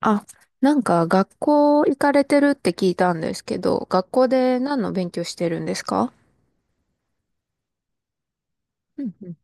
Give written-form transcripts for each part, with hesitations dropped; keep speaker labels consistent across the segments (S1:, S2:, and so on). S1: あ、なんか学校行かれてるって聞いたんですけど、学校で何の勉強してるんですか？うんうん。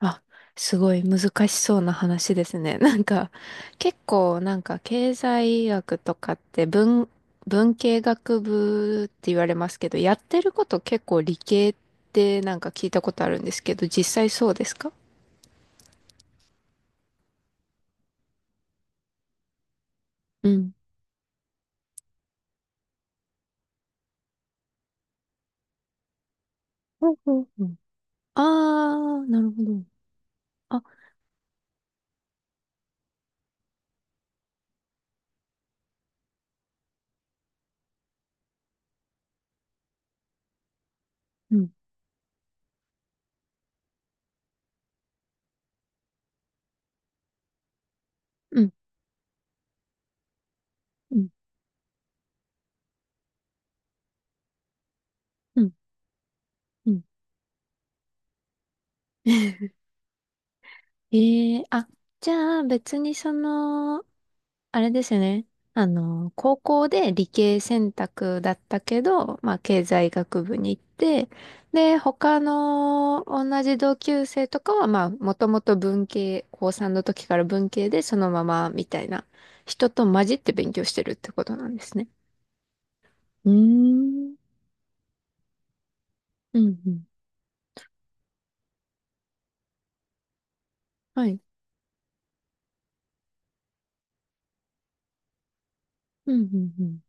S1: あ、すごい難しそうな話ですね。なんか、結構なんか経済学とかって文系学部って言われますけど、やってること結構理系ってなんか聞いたことあるんですけど、実際そうですか？うん。ほうんうんうん。あー、なるほど。あ、うん、うん、うん、うん。うん。 ええ、あ、じゃあ別にその、あれですよね。あの、高校で理系選択だったけど、まあ経済学部に行って、で、他の同じ同級生とかは、まあもともと文系、高3の時から文系でそのままみたいな人と混じって勉強してるってことなんですね。うーん。うんうん。はい。うんうんうん。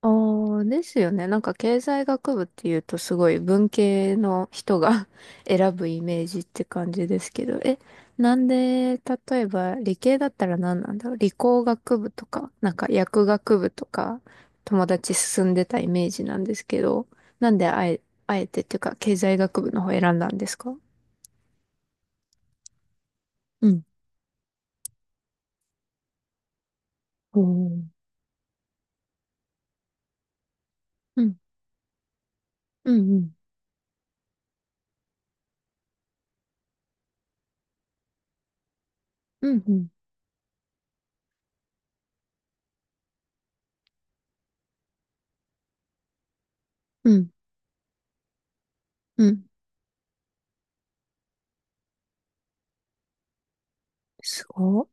S1: ああ、ですよね。なんか経済学部っていうとすごい文系の人が 選ぶイメージって感じですけど、え、なんで、例えば理系だったら何なんだろう。理工学部とか、なんか薬学部とか、友達進んでたイメージなんですけど、なんであえ、あえてっていうか経済学部の方選んだんですか？うん。おー。うん、うん、うん、うん、うん、うん、うん。すごっ。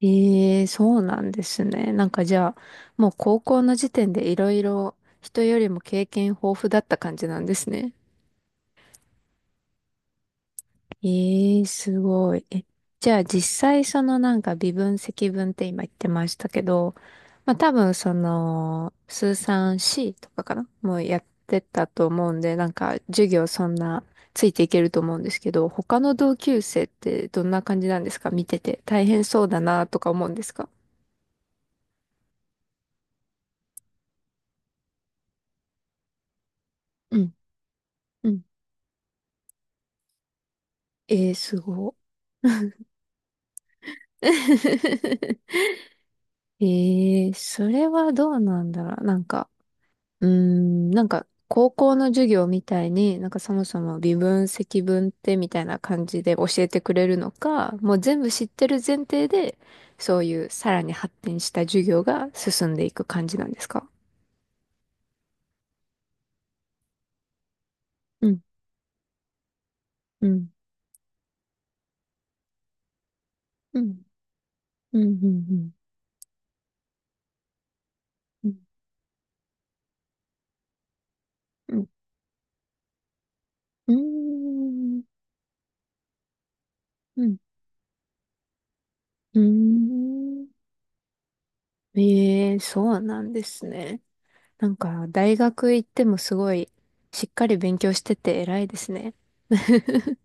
S1: ええ、そうなんですね。なんかじゃあ、もう高校の時点でいろいろ人よりも経験豊富だった感じなんですね。ええ、すごい。え、じゃあ実際そのなんか微分積分って今言ってましたけど、まあ多分その、数産 C とかかなもうやってたと思うんで、なんか授業そんなついていけると思うんですけど、他の同級生ってどんな感じなんですか、見てて大変そうだなとか思うんですか？うんうん。えー、すご。えー、それはどうなんだろう。なんか、うーん、なんか、高校の授業みたいに、なんかそもそも微分、積分ってみたいな感じで教えてくれるのか、もう全部知ってる前提で、そういうさらに発展した授業が進んでいく感じなんですか？うん、うん、うん、うん、うん、うん、うん、うん、うん、うん、うん、うん。えー、そうなんですね。なんか、大学行ってもすごい、しっかり勉強してて偉いですね。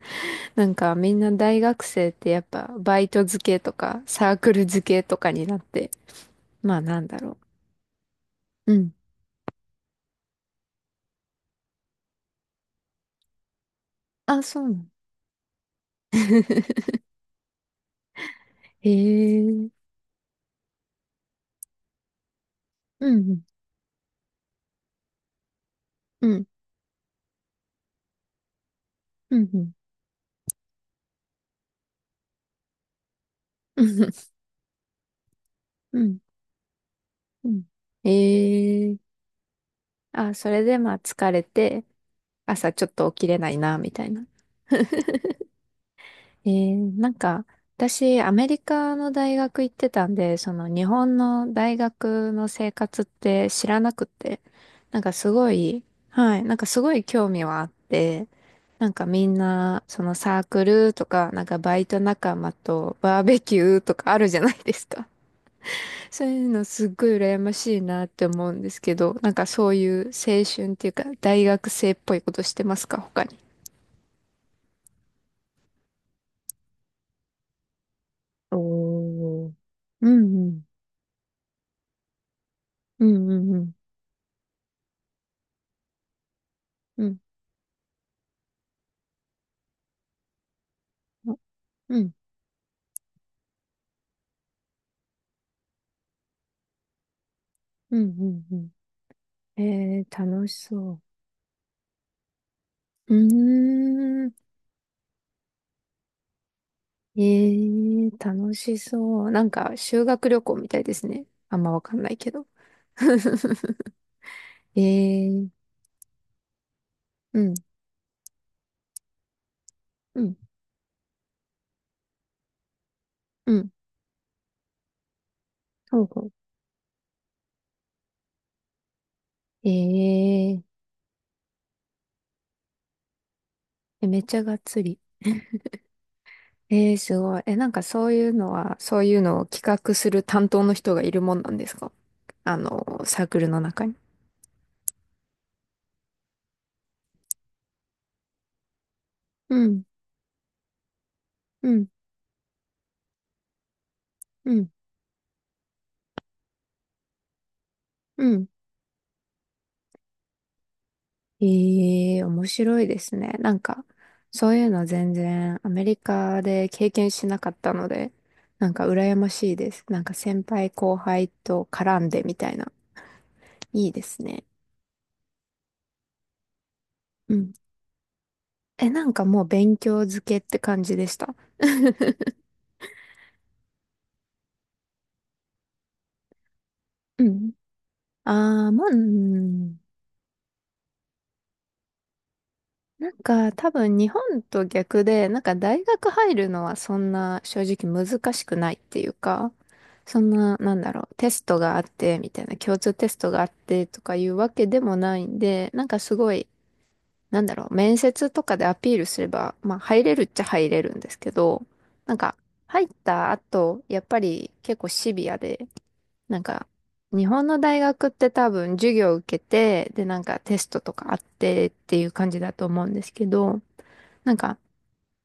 S1: なんか、みんな大学生ってやっぱ、バイト付けとか、サークル付けとかになって、まあなんだろう。うん。あ、そうなの。へえ。うん。うん、うん、うん、うん、うん、うん。へえ。あ、それでまあ疲れて、朝ちょっと起きれないな、みたいな。えー、なんか、私、アメリカの大学行ってたんで、その日本の大学の生活って知らなくて、なんかすごい、はい、なんかすごい興味はあって、なんかみんな、そのサークルとか、なんかバイト仲間とバーベキューとかあるじゃないですか。そういうのすっごい羨ましいなって思うんですけど、なんかそういう青春っていうか、大学生っぽいことしてますか、他に？おー。うんうん。うんうんうん。あ。うん。うん。うん。うん。えー、楽しそう。うーん。えー、楽しそう。なんか、修学旅行みたいですね。あんまわかんないけど。えー、うん。うん。うん。ほうほう。えー、え、めっちゃがっつり。えー、すごい。え、なんかそういうのは、そういうのを企画する担当の人がいるもんなんですか？あの、サークルの中に。うん、うん、うん、うん。ええ、面白いですね。なんか、そういうの全然アメリカで経験しなかったので、なんか羨ましいです。なんか先輩後輩と絡んでみたいな。いいですね。うん。え、なんかもう勉強漬けって感じでした。うん。ああ、まあ、うん。なんか多分日本と逆で、なんか大学入るのはそんな正直難しくないっていうか、そんな、なんだろう、テストがあってみたいな、共通テストがあってとかいうわけでもないんで、なんかすごい、なんだろう、面接とかでアピールすれば、まあ入れるっちゃ入れるんですけど、なんか入った後、やっぱり結構シビアで、なんか日本の大学って多分授業を受けて、でなんかテストとかあってっていう感じだと思うんですけど、なんか、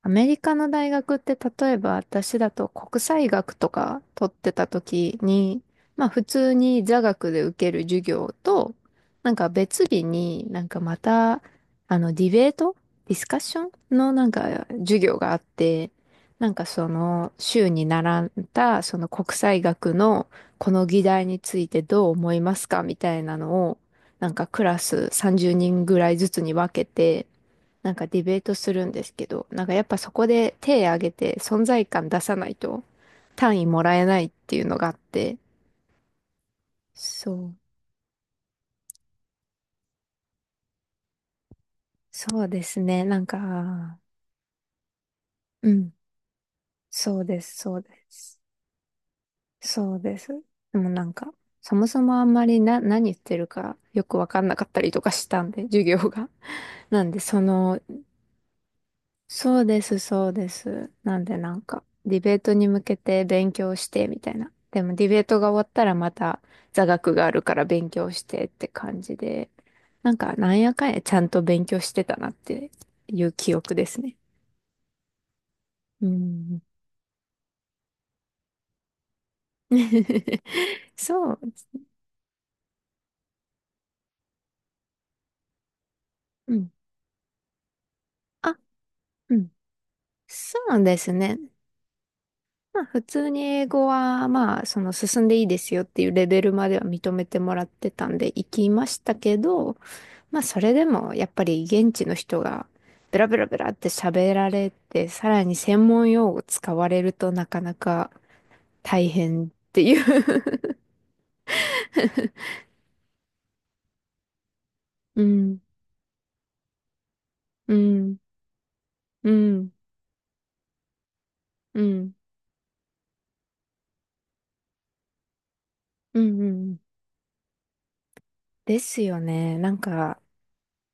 S1: アメリカの大学って、例えば私だと国際学とか取ってた時に、まあ普通に座学で受ける授業と、なんか別日になんかまた、あの、ディベートディスカッションのなんか授業があって、なんかその週に習ったその国際学のこの議題についてどう思いますかみたいなのを、なんかクラス30人ぐらいずつに分けて、なんかディベートするんですけど、なんかやっぱそこで手挙げて存在感出さないと単位もらえないっていうのがあって、そう、そうですね、なんか、うん、そうです、そうです、そうです。でもなんか、そもそもあんまりな、何言ってるかよくわかんなかったりとかしたんで、授業が。なんで、そのそうです。なんでなんか、ディベートに向けて勉強してみたいな。でもディベートが終わったらまた座学があるから勉強してって感じで、なんかなんやかんやちゃんと勉強してたなっていう記憶ですね。うん。そう。うん。あ、うん。そうですね。まあ普通に英語はまあその進んでいいですよっていうレベルまでは認めてもらってたんで行きましたけど、まあそれでもやっぱり現地の人がブラブラブラって喋られて、さらに専門用語使われるとなかなか大変っていう。 うん、うん、うん、うん、うん、うん。ですよね。なんか、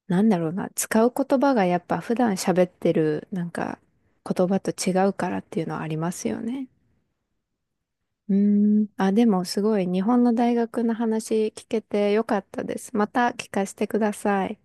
S1: なんだろうな。使う言葉がやっぱ普段喋ってるなんか言葉と違うからっていうのはありますよね。うーん。あ、でもすごい日本の大学の話聞けてよかったです。また聞かせてください。